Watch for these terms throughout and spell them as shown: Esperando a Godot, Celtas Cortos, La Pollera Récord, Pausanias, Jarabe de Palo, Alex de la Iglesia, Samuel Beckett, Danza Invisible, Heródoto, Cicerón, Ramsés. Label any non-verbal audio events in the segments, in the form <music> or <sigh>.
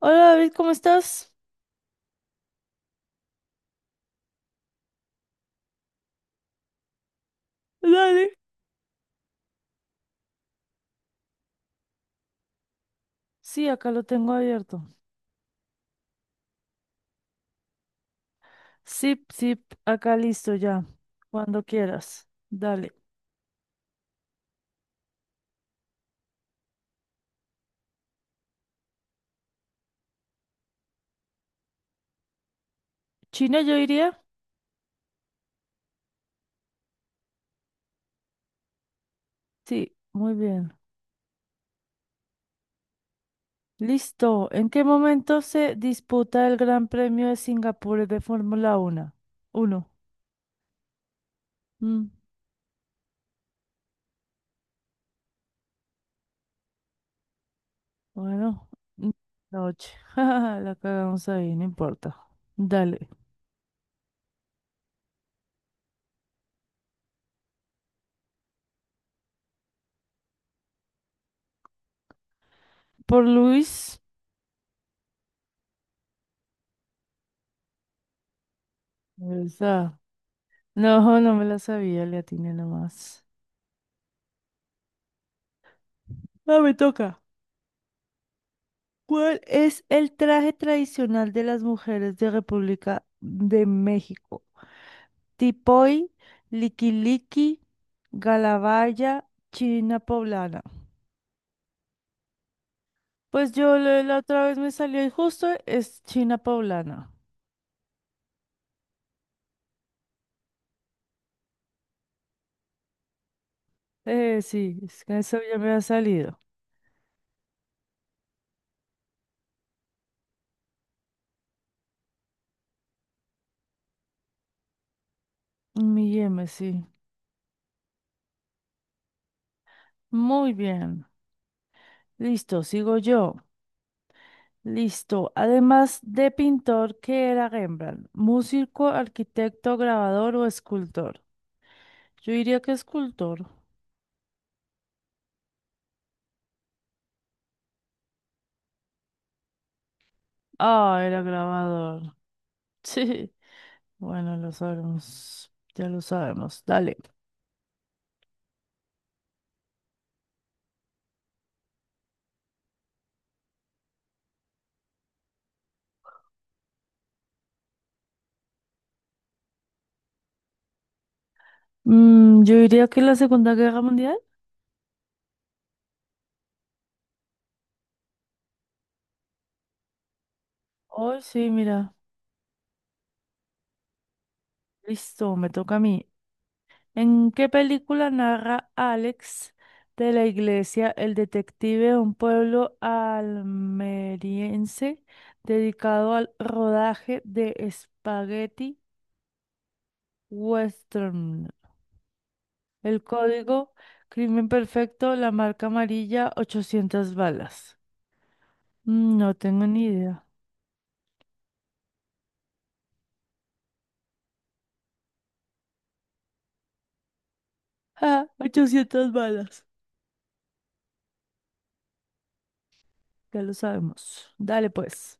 Hola David, ¿cómo estás? Dale. Sí, acá lo tengo abierto. Zip, zip, acá listo ya. Cuando quieras. Dale. ¿China yo iría? Sí, muy bien. Listo. ¿En qué momento se disputa el Gran Premio de Singapur de Fórmula Uno? Uno. Mm, bueno, mm, noche. <laughs> Jajaja, la cagamos ahí, no importa. Dale. Por Luis. Esa. No, no me la sabía, le atiné nomás. Ah, me toca. ¿Cuál es el traje tradicional de las mujeres de República de México? Tipoy, liquiliqui, galabaya, china poblana. Pues la otra vez me salió y justo es china poblana. Sí, es que eso ya me ha salido. Mi M, sí. Muy bien. Listo, sigo yo. Listo. Además de pintor, ¿qué era Rembrandt? ¿Músico, arquitecto, grabador o escultor? Yo diría que escultor. Ah, era grabador. <laughs> Sí. Bueno, lo sabemos. Ya lo sabemos. Dale. Yo diría que la Segunda Guerra Mundial. Oh, sí, mira. Listo, me toca a mí. ¿En qué película narra Alex de la Iglesia, el detective de un pueblo almeriense dedicado al rodaje de Spaghetti Western? El código, crimen perfecto, la marca amarilla, 800 balas. No tengo ni idea. <laughs> Ah, 800 balas. Ya lo sabemos. Dale pues.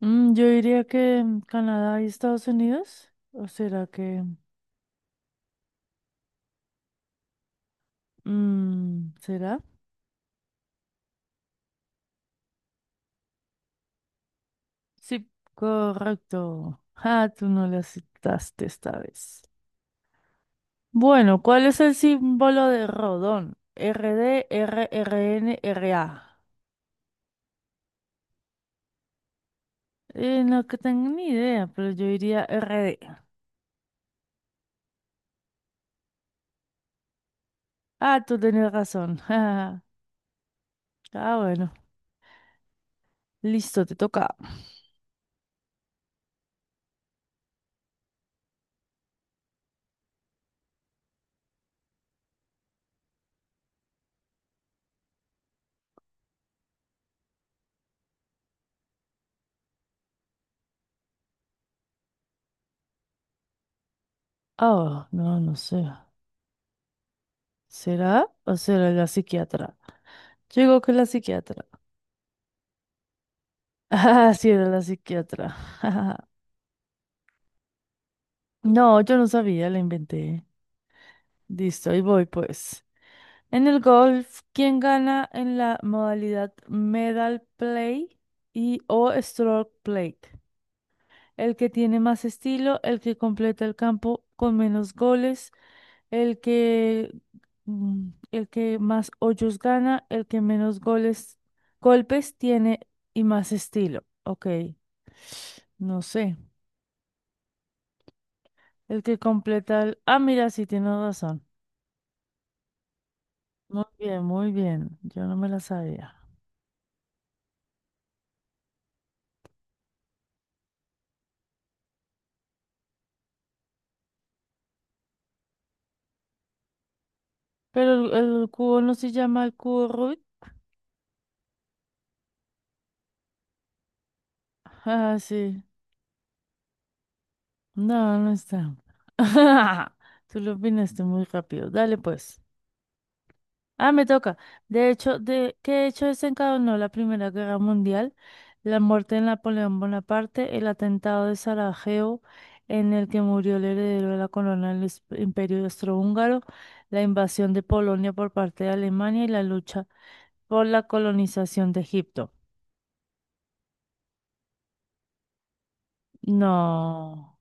Yo diría que Canadá y Estados Unidos. ¿O será que... ¿será? Sí, correcto. Ah, tú no le aceptaste esta vez. Bueno, ¿cuál es el símbolo de Rodón? R D, R R D N R A. No que tengo ni idea, pero yo diría RD. Ah, tú tenías razón. <laughs> Ah, bueno. Listo, te toca. Oh, no, no sé. ¿Será o será la psiquiatra? Yo digo que la psiquiatra. <laughs> Ah, sí, era la psiquiatra. <laughs> No, yo no sabía, la inventé. Listo, y voy pues. En el golf, ¿quién gana en la modalidad medal play y o stroke play? ¿El que tiene más estilo, el que completa el campo con menos goles, el que, el que más hoyos gana, el que menos goles, golpes tiene y más estilo? Ok, no sé. El que completa el... Ah, mira, sí, tienes razón. Muy bien, muy bien. Yo no me la sabía. Pero el, el cubo no se llama el cubo Rubik. Ah, sí. No, no está. <laughs> Tú lo opinaste muy rápido. Dale pues. Ah, me toca. ¿Qué hecho desencadenó la Primera Guerra Mundial? La muerte de Napoleón Bonaparte, el atentado de Sarajevo, en el que murió el heredero de la corona del Imperio Austrohúngaro, la invasión de Polonia por parte de Alemania y la lucha por la colonización de Egipto. No,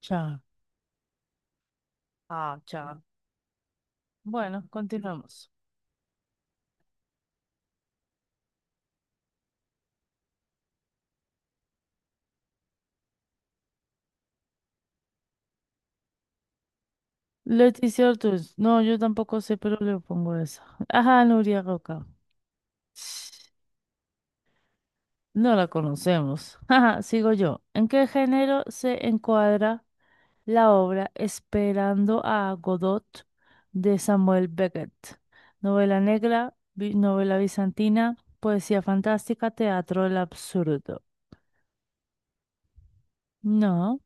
cha. Ah, cha. Bueno, continuamos. Leticia Ortiz. No, yo tampoco sé, pero le pongo esa. Ajá, Nuria Roca. No la conocemos. <laughs> Ajá, sigo yo. ¿En qué género se encuadra la obra Esperando a Godot de Samuel Beckett? Novela negra, novela bizantina, poesía fantástica, teatro del absurdo. No,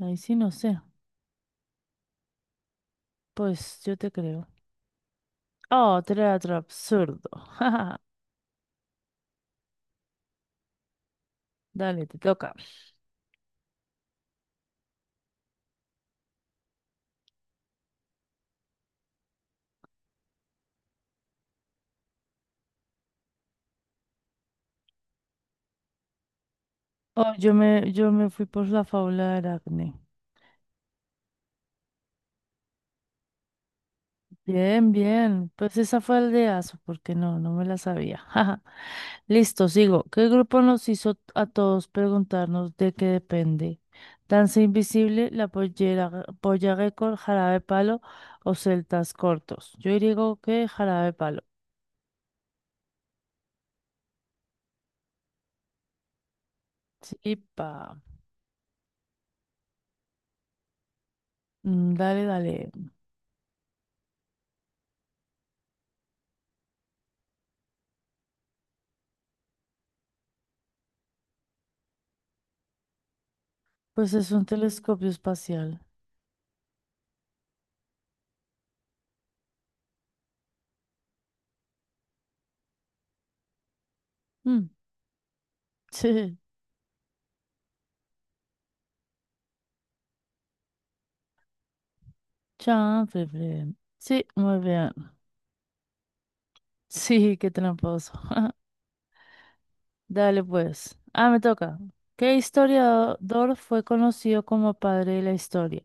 ahí sí no sé. Pues yo te creo. Oh, teatro absurdo. <laughs> Dale, te toca. Oh, yo me fui por la fábula de Aracne. Bien, bien. Pues esa fue el de aso porque no me la sabía. <laughs> Jaja. Listo, sigo. ¿Qué grupo nos hizo a todos preguntarnos de qué depende? Danza Invisible, La Pollera, Polla Récord, Jarabe de Palo o Celtas Cortos. Yo digo que Jarabe de Palo. Sí, pa. Dale, dale. Pues es un telescopio espacial. Mm, <laughs> sí, chanfle, fre. Sí, muy bien. Sí, qué tramposo. <laughs> Dale pues. Ah, me toca. ¿Qué historiador fue conocido como padre de la historia?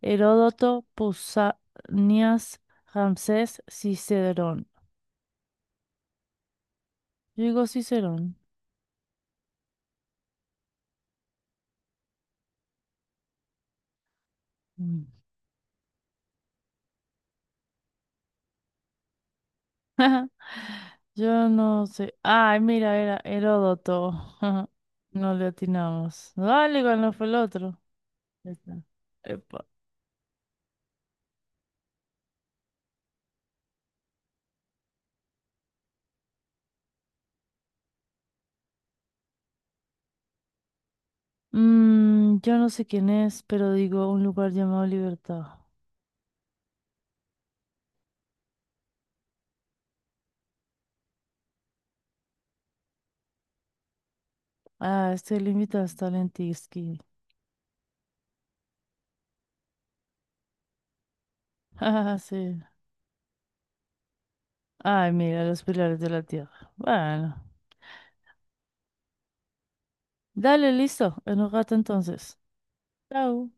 Heródoto, Pausanias, Ramsés, Cicerón. Yo digo Cicerón. Mm. <laughs> Yo no sé. Ay, mira, era Heródoto. <laughs> No le atinamos. Dale, no fue el otro. Ya está. Epa. Yo no sé quién es, pero digo un lugar llamado Libertad. Ah, este límite está en Tisky. <laughs> Ah, sí. Ay, mira, los pilares de la tierra. Bueno, dale, listo. En un rato entonces. Chao.